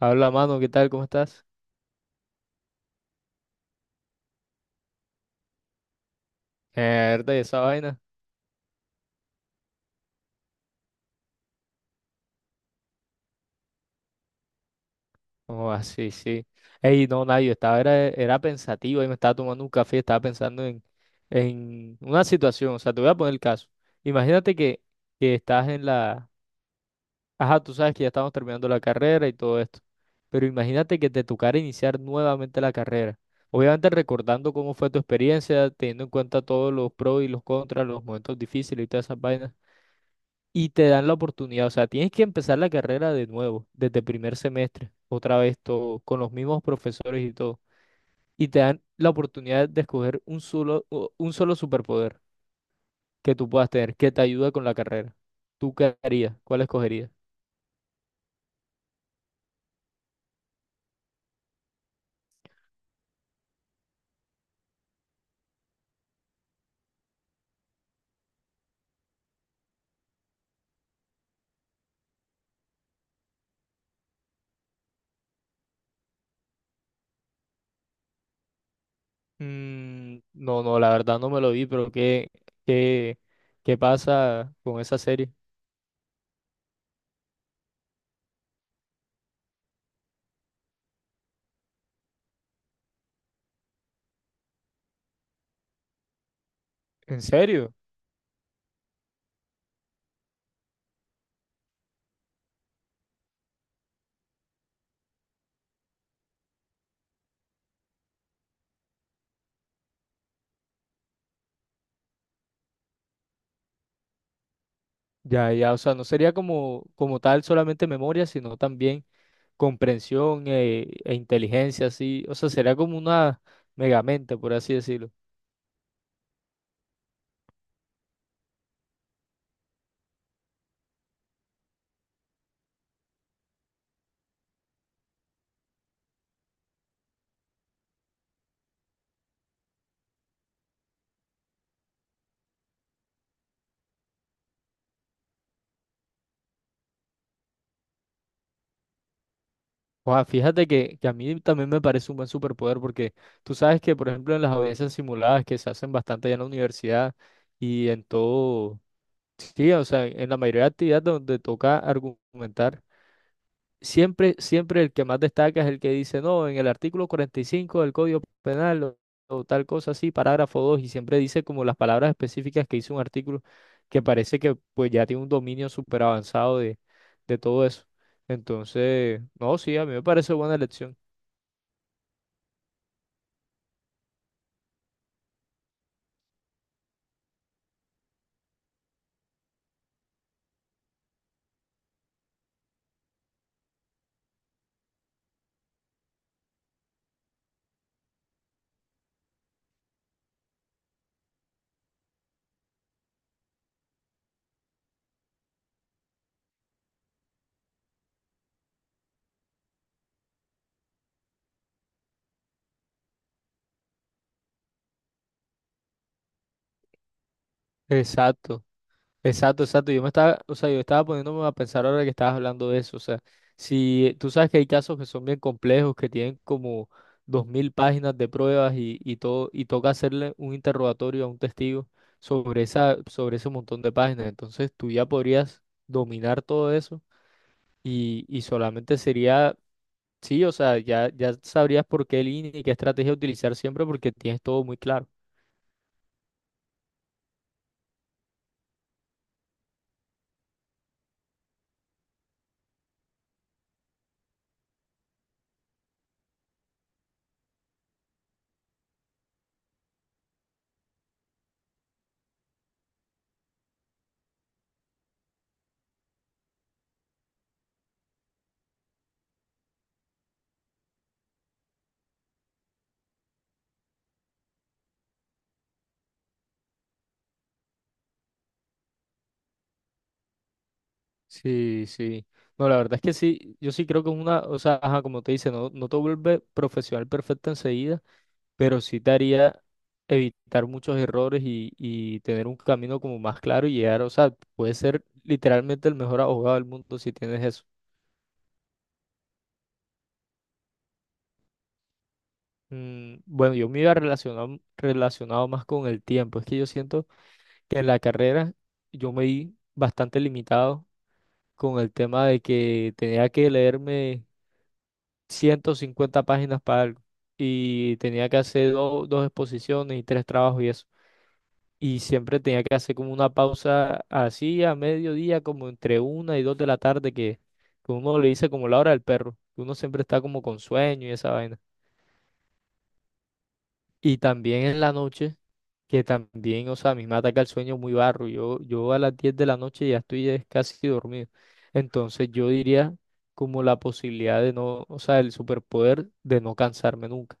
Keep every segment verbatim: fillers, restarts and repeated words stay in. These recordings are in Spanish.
Habla, mano, ¿qué tal? ¿Cómo estás? Mierda, ¿y esa vaina? Oh, ah, sí, sí. Ey, no, nadie, yo estaba, era, era pensativo y me estaba tomando un café, estaba pensando en, en una situación, o sea, te voy a poner el caso. Imagínate que, que estás en la. Ajá, tú sabes que ya estamos terminando la carrera y todo esto, pero imagínate que te tocara iniciar nuevamente la carrera. Obviamente recordando cómo fue tu experiencia, teniendo en cuenta todos los pros y los contras, los momentos difíciles y todas esas vainas. Y te dan la oportunidad. O sea, tienes que empezar la carrera de nuevo, desde primer semestre, otra vez todo, con los mismos profesores y todo. Y te dan la oportunidad de escoger un solo, u- un solo superpoder que tú puedas tener, que te ayude con la carrera. ¿Tú qué harías? ¿Cuál escogerías? Mm, no, no, la verdad no me lo vi, pero ¿qué, qué, qué pasa con esa serie? ¿En serio? Ya, ya, o sea, no sería como, como tal solamente memoria, sino también comprensión e, e inteligencia, así. O sea, será como una megamente, por así decirlo. O sea, fíjate que, que a mí también me parece un buen superpoder porque tú sabes que, por ejemplo, en las audiencias simuladas que se hacen bastante ya en la universidad y en todo, sí, o sea, en la mayoría de actividades donde toca argumentar. Siempre, siempre el que más destaca es el que dice, no, en el artículo cuarenta y cinco del Código Penal o, o tal cosa así, parágrafo dos y siempre dice como las palabras específicas que hizo un artículo que parece que pues ya tiene un dominio súper avanzado de, de todo eso. Entonces, no, sí, a mí me parece buena elección. Exacto. Exacto, exacto. Yo me estaba, o sea, yo estaba poniéndome a pensar ahora que estabas hablando de eso. O sea, si eh, tú sabes que hay casos que son bien complejos, que tienen como dos mil páginas de pruebas y, y todo, y toca hacerle un interrogatorio a un testigo sobre esa, sobre ese montón de páginas. Entonces tú ya podrías dominar todo eso y, y solamente sería, sí, o sea, ya, ya sabrías por qué línea y qué estrategia utilizar siempre porque tienes todo muy claro. Sí, sí. No, la verdad es que sí, yo sí creo que es una, o sea, ajá, como te dice, no, no te vuelve profesional perfecto enseguida, pero sí te haría evitar muchos errores y, y tener un camino como más claro y llegar, o sea, puedes ser literalmente el mejor abogado del mundo si tienes eso. Mm, bueno, yo me iba relacionado, relacionado más con el tiempo, es que yo siento que en la carrera yo me vi bastante limitado con el tema de que tenía que leerme ciento cincuenta páginas para algo. Y tenía que hacer do- dos exposiciones y tres trabajos y eso. Y siempre tenía que hacer como una pausa así a mediodía, como entre una y dos de la tarde, que, que uno le dice como la hora del perro, que uno siempre está como con sueño y esa vaina. Y también en la noche, que también, o sea, a mí me ataca el sueño muy barro. Yo, yo a las diez de la noche ya estoy eh, casi dormido. Entonces yo diría como la posibilidad de no, o sea, el superpoder de no cansarme nunca.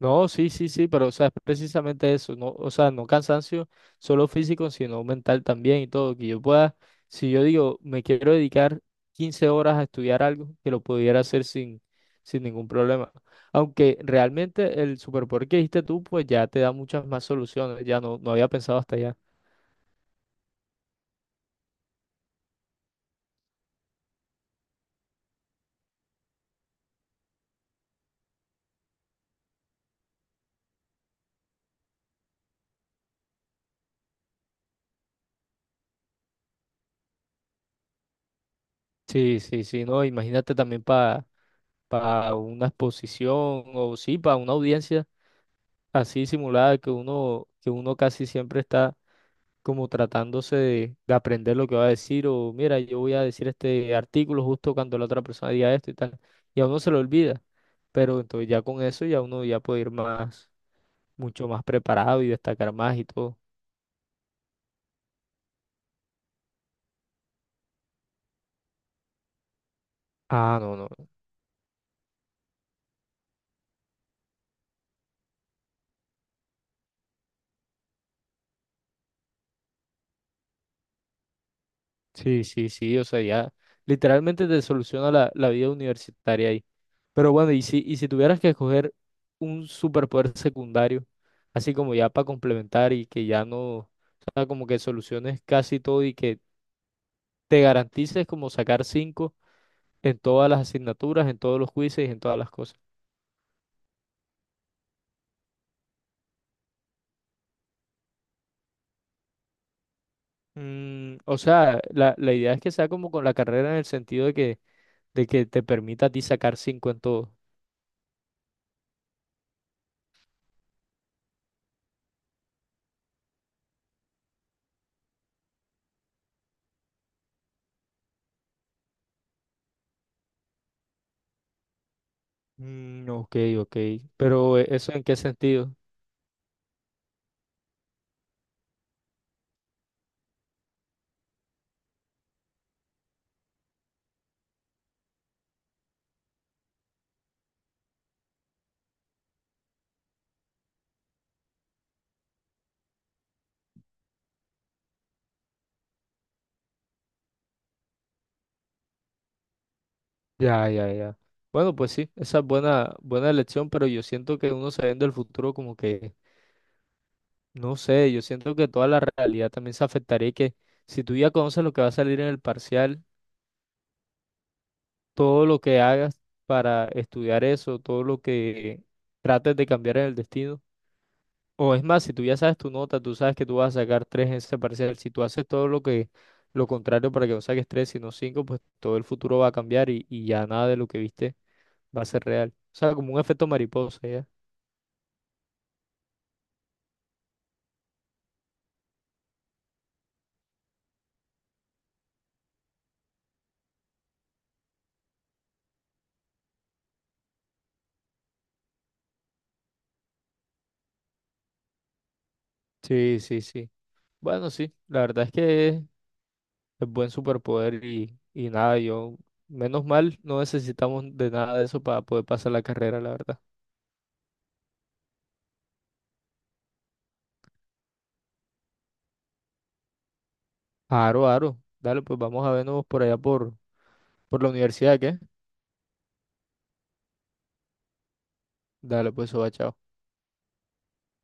No, sí, sí, sí, pero o sea, es precisamente eso, no, o sea, no cansancio solo físico, sino mental también y todo, que yo pueda, si yo digo, me quiero dedicar quince horas a estudiar algo, que lo pudiera hacer sin, sin ningún problema. Aunque realmente el superpoder que dijiste tú, pues ya te da muchas más soluciones, ya no, no había pensado hasta allá. Sí, sí, sí, no, imagínate también para una exposición o sí, para una audiencia así simulada que uno, que uno casi siempre está como tratándose de, de aprender lo que va a decir o mira, yo voy a decir este artículo justo cuando la otra persona diga esto y tal. Y a uno se lo olvida, pero entonces ya con eso ya uno ya puede ir más, mucho más preparado y destacar más y todo. Ah, no, no. Sí, sí, sí, o sea, ya literalmente te soluciona la, la vida universitaria ahí. Pero bueno, y si, y si tuvieras que escoger un superpoder secundario, así como ya para complementar y que ya no, o sea, como que soluciones casi todo y que te garantices como sacar cinco en todas las asignaturas, en todos los quizzes y en todas las cosas. Mm, o sea, la, la idea es que sea como con la carrera en el sentido de que, de que te permita a ti sacar cinco en todo. Mm, ok, ok. Pero eh, ¿eso en qué sentido? Ya, ya, ya. Bueno, pues sí, esa es buena, buena elección, pero yo siento que uno sabiendo el futuro como que, no sé, yo siento que toda la realidad también se afectaría y que si tú ya conoces lo que va a salir en el parcial, todo lo que hagas para estudiar eso, todo lo que trates de cambiar en el destino. O es más, si tú ya sabes tu nota, tú sabes que tú vas a sacar tres en ese parcial. Si tú haces todo lo que, lo contrario para que no saques tres, sino cinco, pues todo el futuro va a cambiar y, y ya nada de lo que viste va a ser real. O sea, como un efecto mariposa, ¿ya? Sí, sí, sí. Bueno, sí, la verdad es que es buen superpoder y, y nada, yo, menos mal, no necesitamos de nada de eso para poder pasar la carrera, la verdad. Aro, aro. Dale, pues vamos a vernos por allá por, por la universidad, ¿qué? Dale, pues, soba, chao.